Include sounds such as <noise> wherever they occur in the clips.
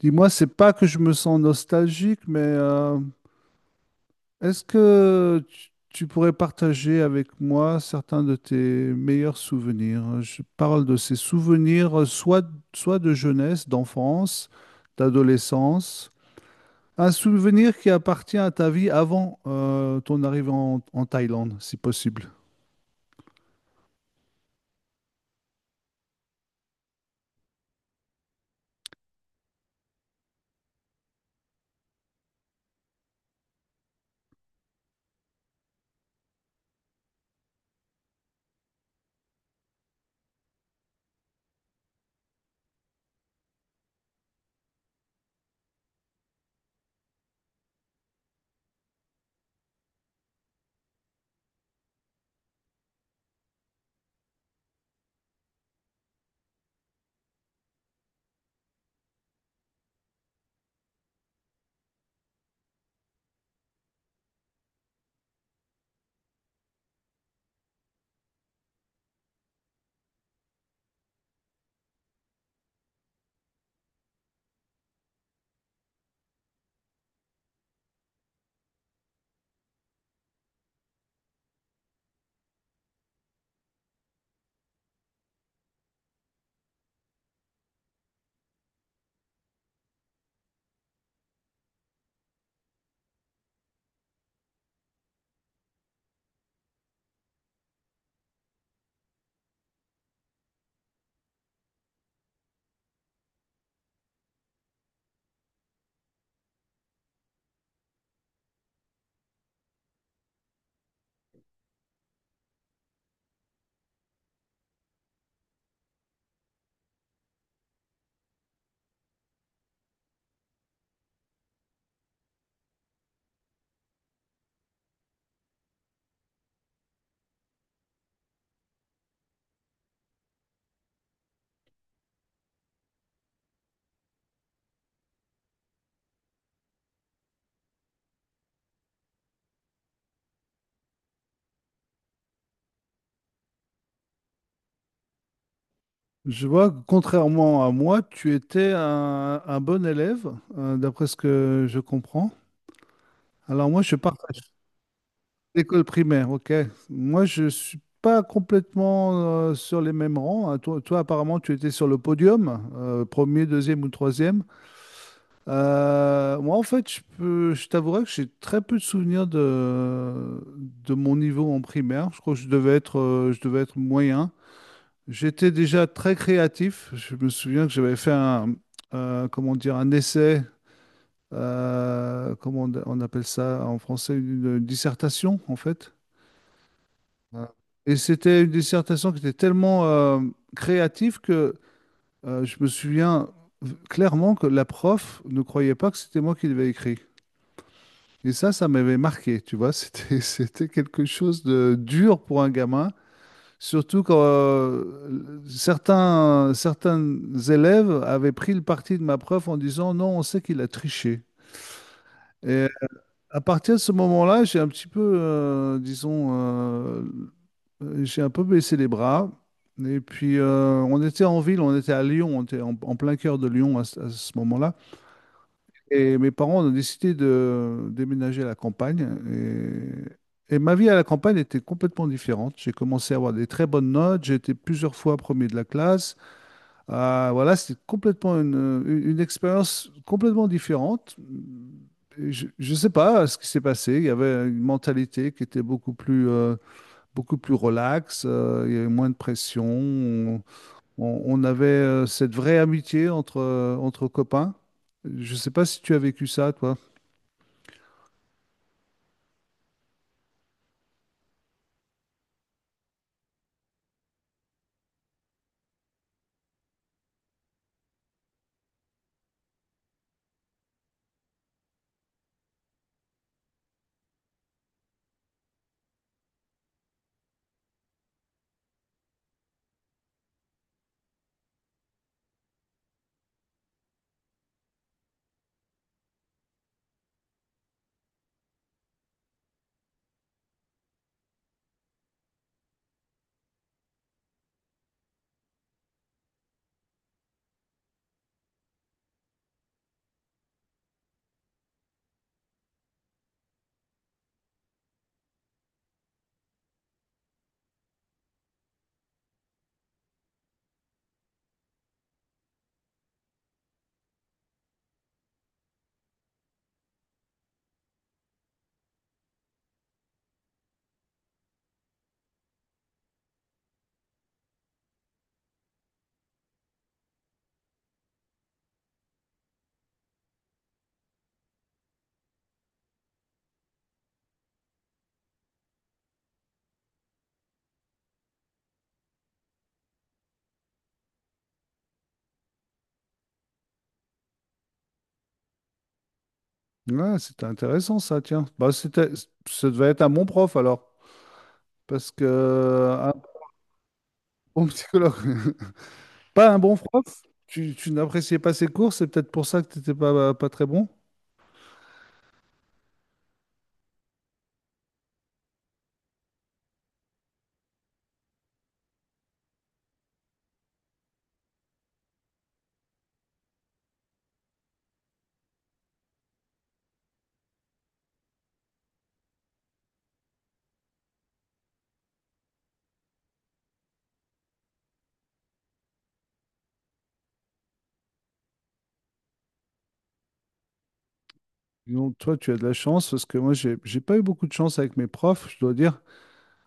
Dis-moi, c'est pas que je me sens nostalgique, mais est-ce que tu pourrais partager avec moi certains de tes meilleurs souvenirs? Je parle de ces souvenirs, soit de jeunesse, d'enfance, d'adolescence, un souvenir qui appartient à ta vie avant ton arrivée en Thaïlande, si possible. Je vois que contrairement à moi, tu étais un bon élève, d'après ce que je comprends. Alors moi, je partage. L'école primaire, ok. Moi, je suis pas complètement sur les mêmes rangs. Toi, apparemment, tu étais sur le podium, premier, deuxième ou troisième. Moi, en fait, je t'avouerai que j'ai très peu de souvenirs de mon niveau en primaire. Je crois que je devais être moyen. J'étais déjà très créatif. Je me souviens que j'avais fait comment dire, un essai. Euh, comment on appelle ça en français, une dissertation, en fait. Ouais. Et c'était une dissertation qui était tellement créative que je me souviens clairement que la prof ne croyait pas que c'était moi qui l'avais écrit. Et ça m'avait marqué, tu vois. <laughs> C'était, c'était quelque chose de dur pour un gamin, surtout quand certains élèves avaient pris le parti de ma prof en disant non, on sait qu'il a triché. Et à partir de ce moment-là, j'ai un petit peu, disons, j'ai un peu baissé les bras. Et puis, on était en ville, on était à Lyon, on était en plein cœur de Lyon ce à ce moment-là. Et mes parents ont décidé de déménager à la campagne. Et ma vie à la campagne était complètement différente. J'ai commencé à avoir des très bonnes notes, j'ai été plusieurs fois premier de la classe. Ah, voilà, c'était complètement une expérience complètement différente. Et je ne sais pas ce qui s'est passé. Il y avait une mentalité qui était beaucoup plus relax, il y avait moins de pression. On avait cette vraie amitié entre copains. Je ne sais pas si tu as vécu ça, toi. Ouais, c'était intéressant ça, tiens. Bah, c'était, ça devait être un bon prof alors. Parce que un bon psychologue, <laughs> pas un bon prof, tu n'appréciais pas ses cours, c'est peut-être pour ça que tu n'étais pas, pas très bon. Donc, toi, tu as de la chance, parce que moi, j'ai pas eu beaucoup de chance avec mes profs, je dois dire.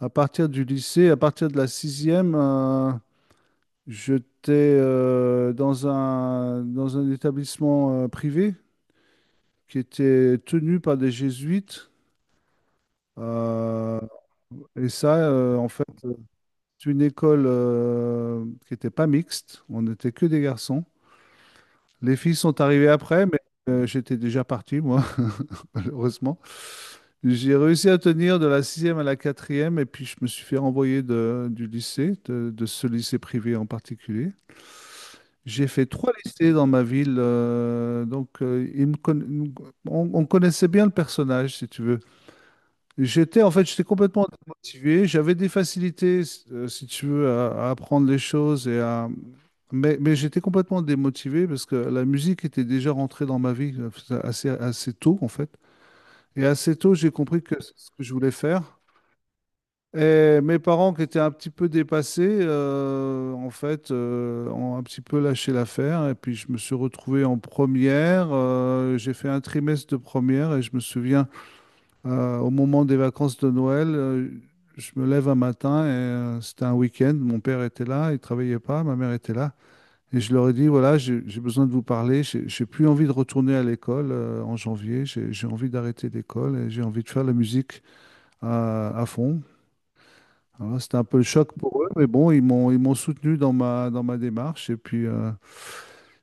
À partir du lycée, à partir de la sixième, j'étais dans dans un établissement privé qui était tenu par des jésuites. Euh, et ça, en fait, c'est une école qui n'était pas mixte. On n'était que des garçons. Les filles sont arrivées après, mais j'étais déjà parti, moi, <laughs> malheureusement. J'ai réussi à tenir de la sixième à la quatrième, et puis je me suis fait renvoyer du lycée, de ce lycée privé en particulier. J'ai fait trois lycées dans ma ville, donc on connaissait bien le personnage, si tu veux. J'étais complètement démotivé. J'avais des facilités, si tu veux, à apprendre les choses et à... mais j'étais complètement démotivé parce que la musique était déjà rentrée dans ma vie assez tôt, en fait. Et assez tôt, j'ai compris que c'est ce que je voulais faire. Et mes parents qui étaient un petit peu dépassés, ont un petit peu lâché l'affaire. Et puis je me suis retrouvé en première. Euh, j'ai fait un trimestre de première et je me souviens, au moment des vacances de Noël, je me lève un matin et c'était un week-end. Mon père était là, il travaillait pas, ma mère était là. Et je leur ai dit, voilà, j'ai besoin de vous parler. J'ai plus envie de retourner à l'école en janvier. J'ai envie d'arrêter l'école et j'ai envie de faire la musique à fond. Alors, là, c'était un peu le choc pour eux, mais bon, ils m'ont soutenu dans ma démarche et puis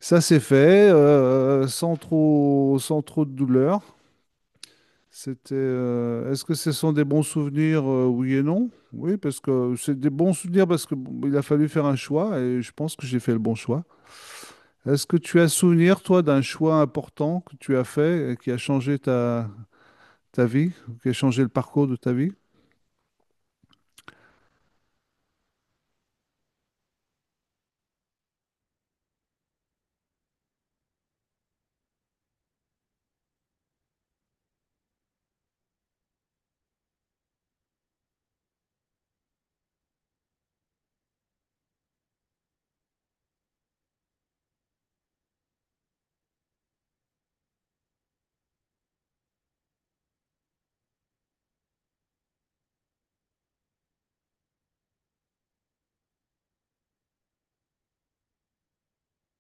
ça s'est fait sans trop de douleur. C'était est-ce que ce sont des bons souvenirs oui et non? Oui, parce que c'est des bons souvenirs parce que bon, il a fallu faire un choix et je pense que j'ai fait le bon choix. Est-ce que tu as souvenir toi d'un choix important que tu as fait et qui a changé ta vie, qui a changé le parcours de ta vie?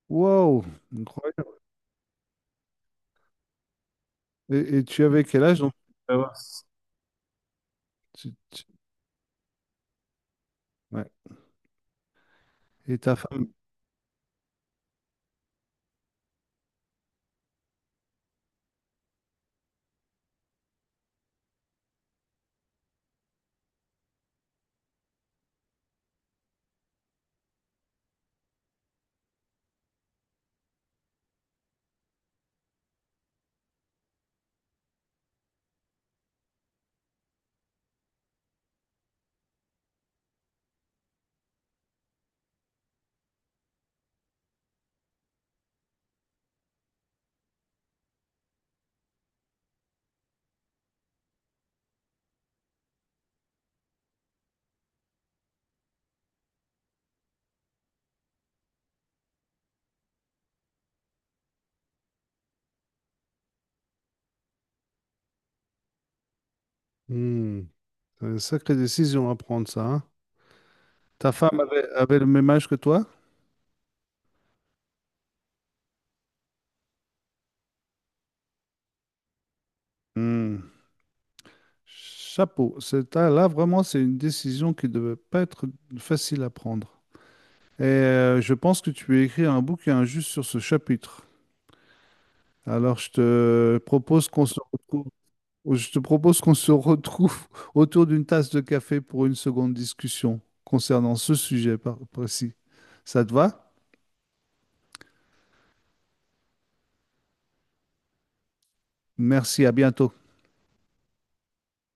Wow, incroyable. Et tu avais quel âge donc? Tu- tu- ouais. Et ta femme, hmm, c'est une sacrée décision à prendre ça, hein. Ta femme avait, avait le même âge que toi? Hmm, chapeau. Là, vraiment, c'est une décision qui ne devait pas être facile à prendre. Et je pense que tu as écrit un bouquin juste sur ce chapitre. Alors, je te propose qu'on se retrouve <laughs> autour d'une tasse de café pour une seconde discussion concernant ce sujet précis. Ça te va? Merci, à bientôt.